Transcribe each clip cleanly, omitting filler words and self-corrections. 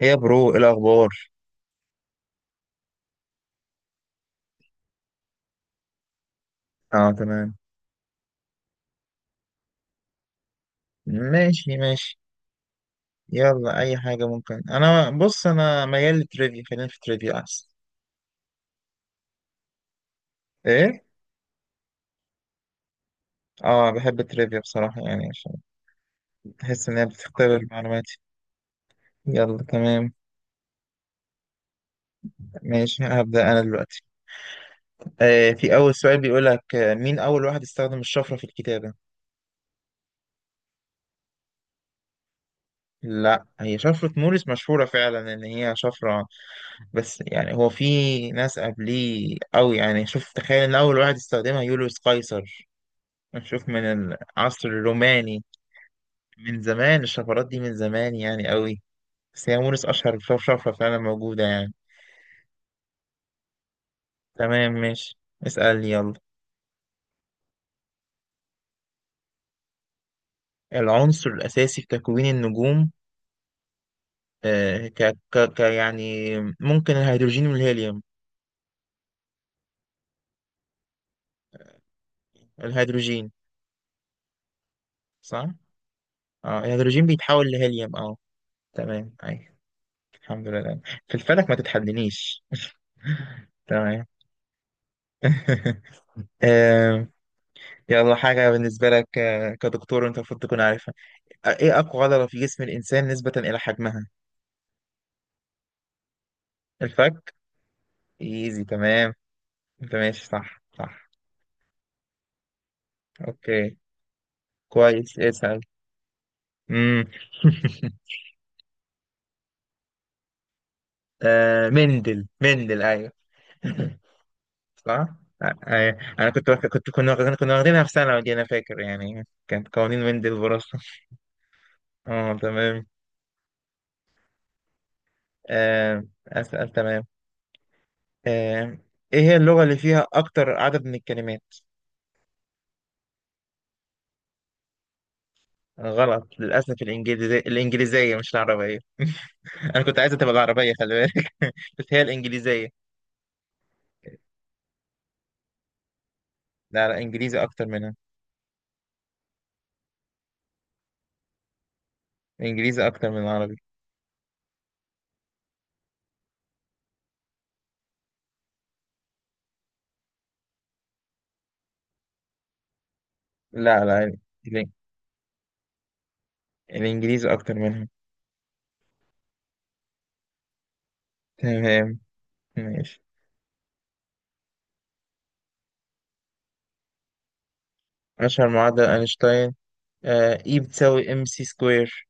هي برو، إيه الأخبار؟ اه تمام. ماشي، يلا أي حاجة ممكن. أنا بص، أنا ميال للتريفيا، خلينا في التريفيا أحسن. إيه؟ اه بحب التريفيا بصراحة، يعني عشان بحس إن هي بتختبر معلوماتي. يلا تمام. ماشي هبدأ أنا دلوقتي. في أول سؤال بيقول لك، مين أول واحد استخدم الشفرة في الكتابة؟ لا، هي شفرة موريس مشهورة فعلا إن هي شفرة، بس يعني هو في ناس قبليه أوي. يعني شوف، تخيل إن أول واحد استخدمها يوليوس قيصر. نشوف من العصر الروماني، من زمان. الشفرات دي من زمان يعني، قوي. بس هي موريس أشهر شفرة فعلا موجودة يعني. تمام ماشي، اسأل يلا. العنصر الأساسي في تكوين النجوم، آه ك ك يعني، ممكن الهيدروجين والهيليوم. الهيدروجين. صح؟ اه الهيدروجين بيتحول لهيليوم، اه تمام، أي الحمد لله. في الفلك ما تتحدنيش. تمام. آه، يلا حاجة بالنسبة لك، كدكتور أنت المفروض تكون عارفها. ايه اقوى عضلة في جسم الانسان نسبة الى حجمها؟ الفك. ايزي تمام. انت ماشي، صح صح. اوكي، كويس اسأل. امم مندل ايوه. صح. آه، ايوه انا كنت واخد- كنت كنا واخدين- كنا واخدينها في ثانوي دي، انا فاكر، يعني كانت قوانين مندل وراثة. اه تمام. آه اسأل، تمام. آه، ايه هي اللغة اللي فيها اكتر عدد من الكلمات؟ غلط للأسف، الإنجليزية، الإنجليزية مش العربية. أنا كنت عايزة تبقى العربية، خلي بالك. بس هي الإنجليزية. لا لا، إنجليزي أكتر منها. إنجليزي أكتر من العربي. لا، الإن- الإنجليزي أكتر منها. تمام ماشي. أشهر معادلة أينشتاين، آه إي بتساوي إم سي سكوير.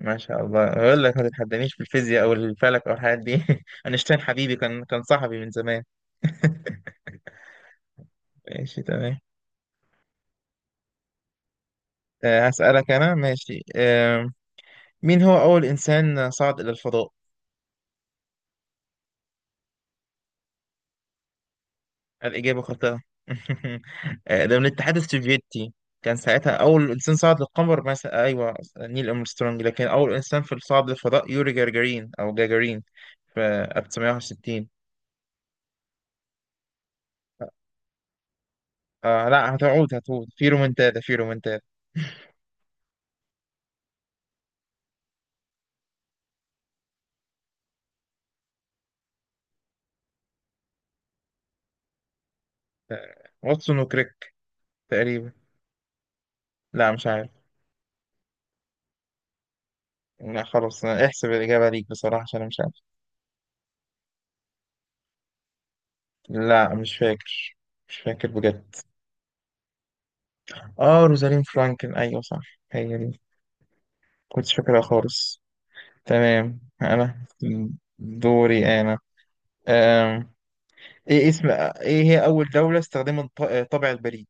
ما شاء الله، أقول لك ما تتحدانيش في الفيزياء أو الفلك أو الحاجات دي. أينشتاين حبيبي، كان صاحبي من زمان. ماشي تمام. آه هسألك أنا، ماشي مين هو أول إنسان صعد إلى الفضاء؟ الإجابة خاطئة. آه، ده من الاتحاد السوفيتي. كان ساعتها أول إنسان صعد للقمر مثلا، أيوه نيل أرمسترونج، لكن أول إنسان في صعد للفضاء يوري جاجارين أو جاجارين، في 1961. آه لا، هتعود في رومنتادا، في رومنتادا. واتسون وكريك، تقريبا. لا مش عارف. لا خلاص، احسب الإجابة ليك بصراحة عشان أنا مش عارف. لا مش فاكر، مش فاكر بجد. آه روزالين فرانكل، أيوه صح، هي دي. كنتش فاكرها خالص. تمام أنا دوري أنا. أم. إيه اسم، إيه هي أول دولة استخدمت طابع البريد؟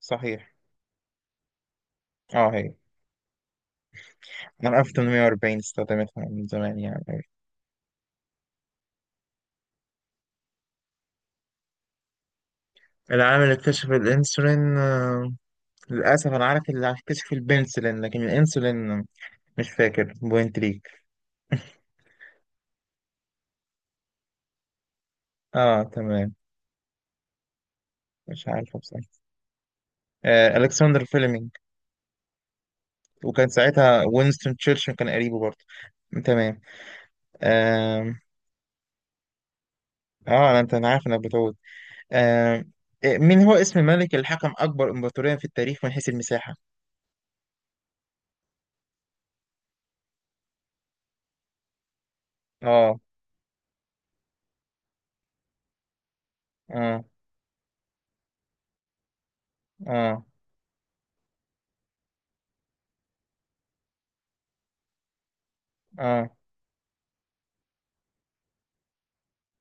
صحيح، أه هي من 1840 استخدمتها، من زمان يعني. العام اللي اكتشف الإنسولين، للأسف أنا عارف اللي اكتشف البنسلين لكن الإنسولين مش فاكر، بوينت ليك. اه تمام. مش عارفه بصراحه. آه، الكسندر فيلمينج. وكان ساعتها وينستون تشرشل كان قريبه برضه. تمام، اه. آه انا انت، انا عارف انك بتقول، آه من هو اسم ملك الحكم أكبر إمبراطورية في التاريخ من حيث المساحة؟ آه. آه. آه. آه.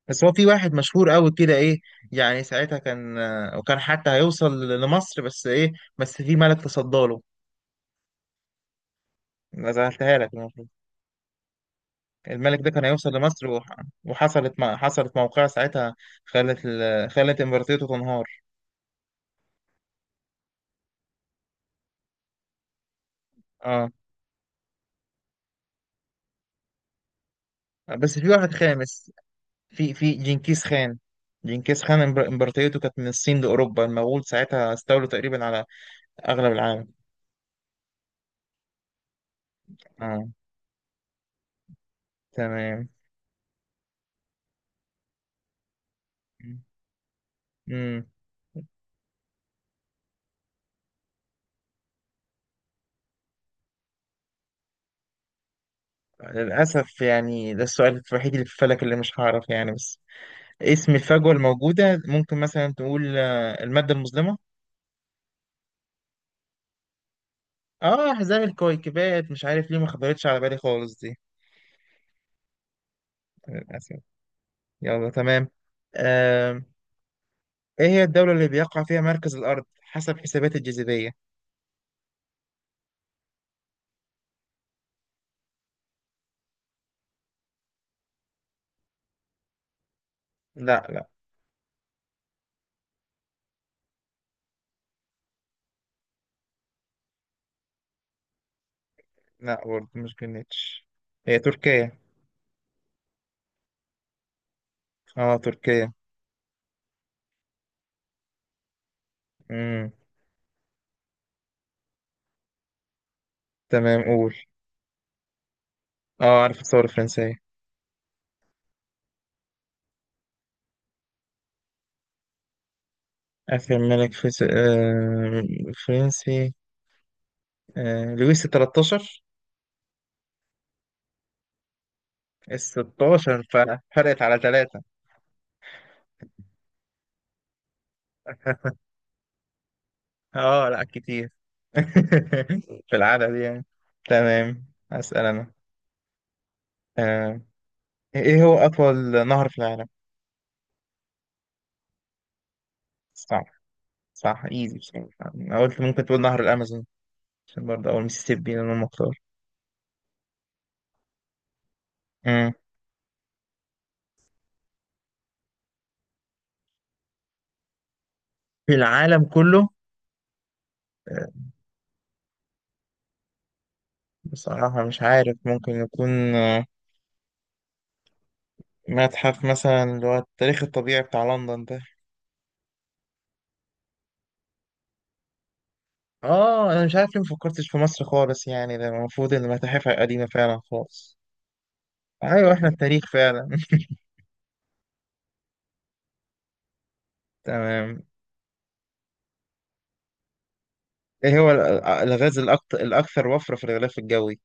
بس هو في واحد مشهور قوي كده، إيه يعني ساعتها كان، آه، وكان حتى هيوصل لمصر بس، إيه بس في ملك تصداله، ما زعلتها لك المفروض. الملك ده كان هيوصل لمصر وحصلت حصلت موقعة ساعتها، خلت إمبراطوريته تنهار. آه بس في واحد خامس، في جنكيز خان. جنكيز خان امبراطوريته كانت من الصين لأوروبا، المغول ساعتها استولوا تقريبا على أغلب العالم. اه تمام. امم للأسف، يعني ده السؤال الوحيد اللي في الفلك اللي مش هعرف يعني، بس اسم الفجوة الموجودة، ممكن مثلا تقول آه، المادة المظلمة. اه أحزاب الكويكبات، مش عارف ليه ما خبرتش على بالي خالص دي، للأسف. يلا تمام. آه. ايه هي الدولة اللي بيقع فيها مركز الأرض حسب حسابات الجاذبية؟ لا لا. لا برضه مش جرينتش، هي تركيا. اه تركيا. امم تمام، قول. اه عارف الثورة الفرنسية. آخر فرنسي، آه، لويس التلتاشر. الستاشر، فرق، فرقت على ثلاثة. اه لا كتير. في العدد يعني. تمام، أسأل أنا. آه، ايه هو أطول نهر في العالم؟ صح، صح ايزي بصراحة. أنا قلت ممكن تقول نهر الأمازون، عشان برضه أول ميسيسيبي أنا المختار. مم. في العالم كله، بصراحة مش عارف، ممكن يكون آه، متحف مثلا اللي هو التاريخ الطبيعي بتاع لندن ده. اه انا مش عارف ليه مفكرتش في مصر خالص، يعني ده المفروض ان متاحفها قديمة فعلا خالص. ايوه احنا التاريخ فعلا. تمام. ايه هو الغاز الاكثر وفرة في الغلاف الجوي؟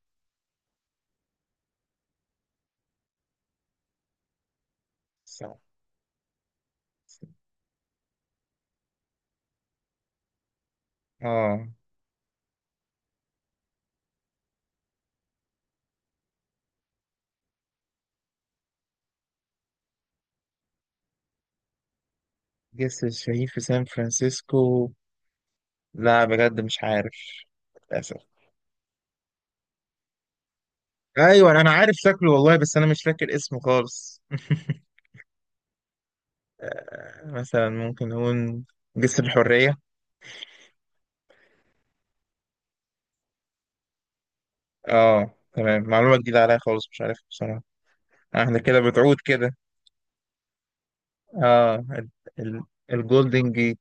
صح. اه جسر الشهيد في سان فرانسيسكو، لا بجد مش عارف، للاسف. ايوه انا عارف شكله والله، بس انا مش فاكر اسمه خالص. آه، مثلا ممكن نقول جسر الحرية. اه تمام، معلومة جديدة عليا خالص، مش عارف بصراحة. آه، احنا كده بتعود كده. اه ال- ال- الجولدن جيت.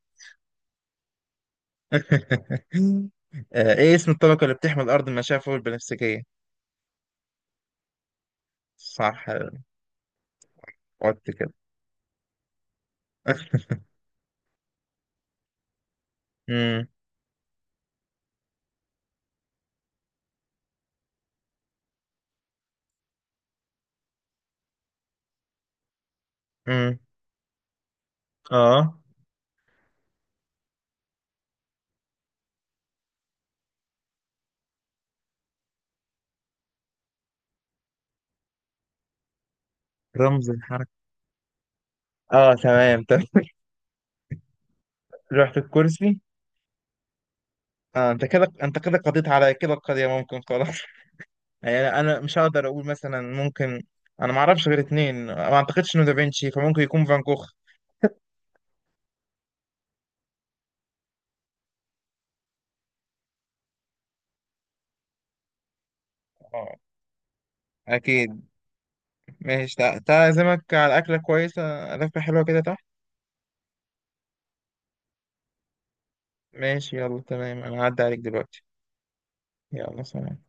آه، ايه اسم الطبقة اللي بتحمي الأرض من المشعة فوق البنفسجية؟ صح. قلت كده. امم امم اه رمز الحركة، اه تمام تمام. رحت الكرسي. آه انت كده قضيت على كده، القضية ممكن خلاص. يعني انا مش هقدر اقول، مثلا ممكن، انا ما اعرفش غير اتنين، ما اعتقدش انه دافنشي، فممكن يكون فان جوخ. اه اكيد. ماشي، تعالى اعزمك على اكله كويسه، اكله حلوه كده تحت. ماشي يلا تمام، انا هعدي عليك دلوقتي. يلا سلام.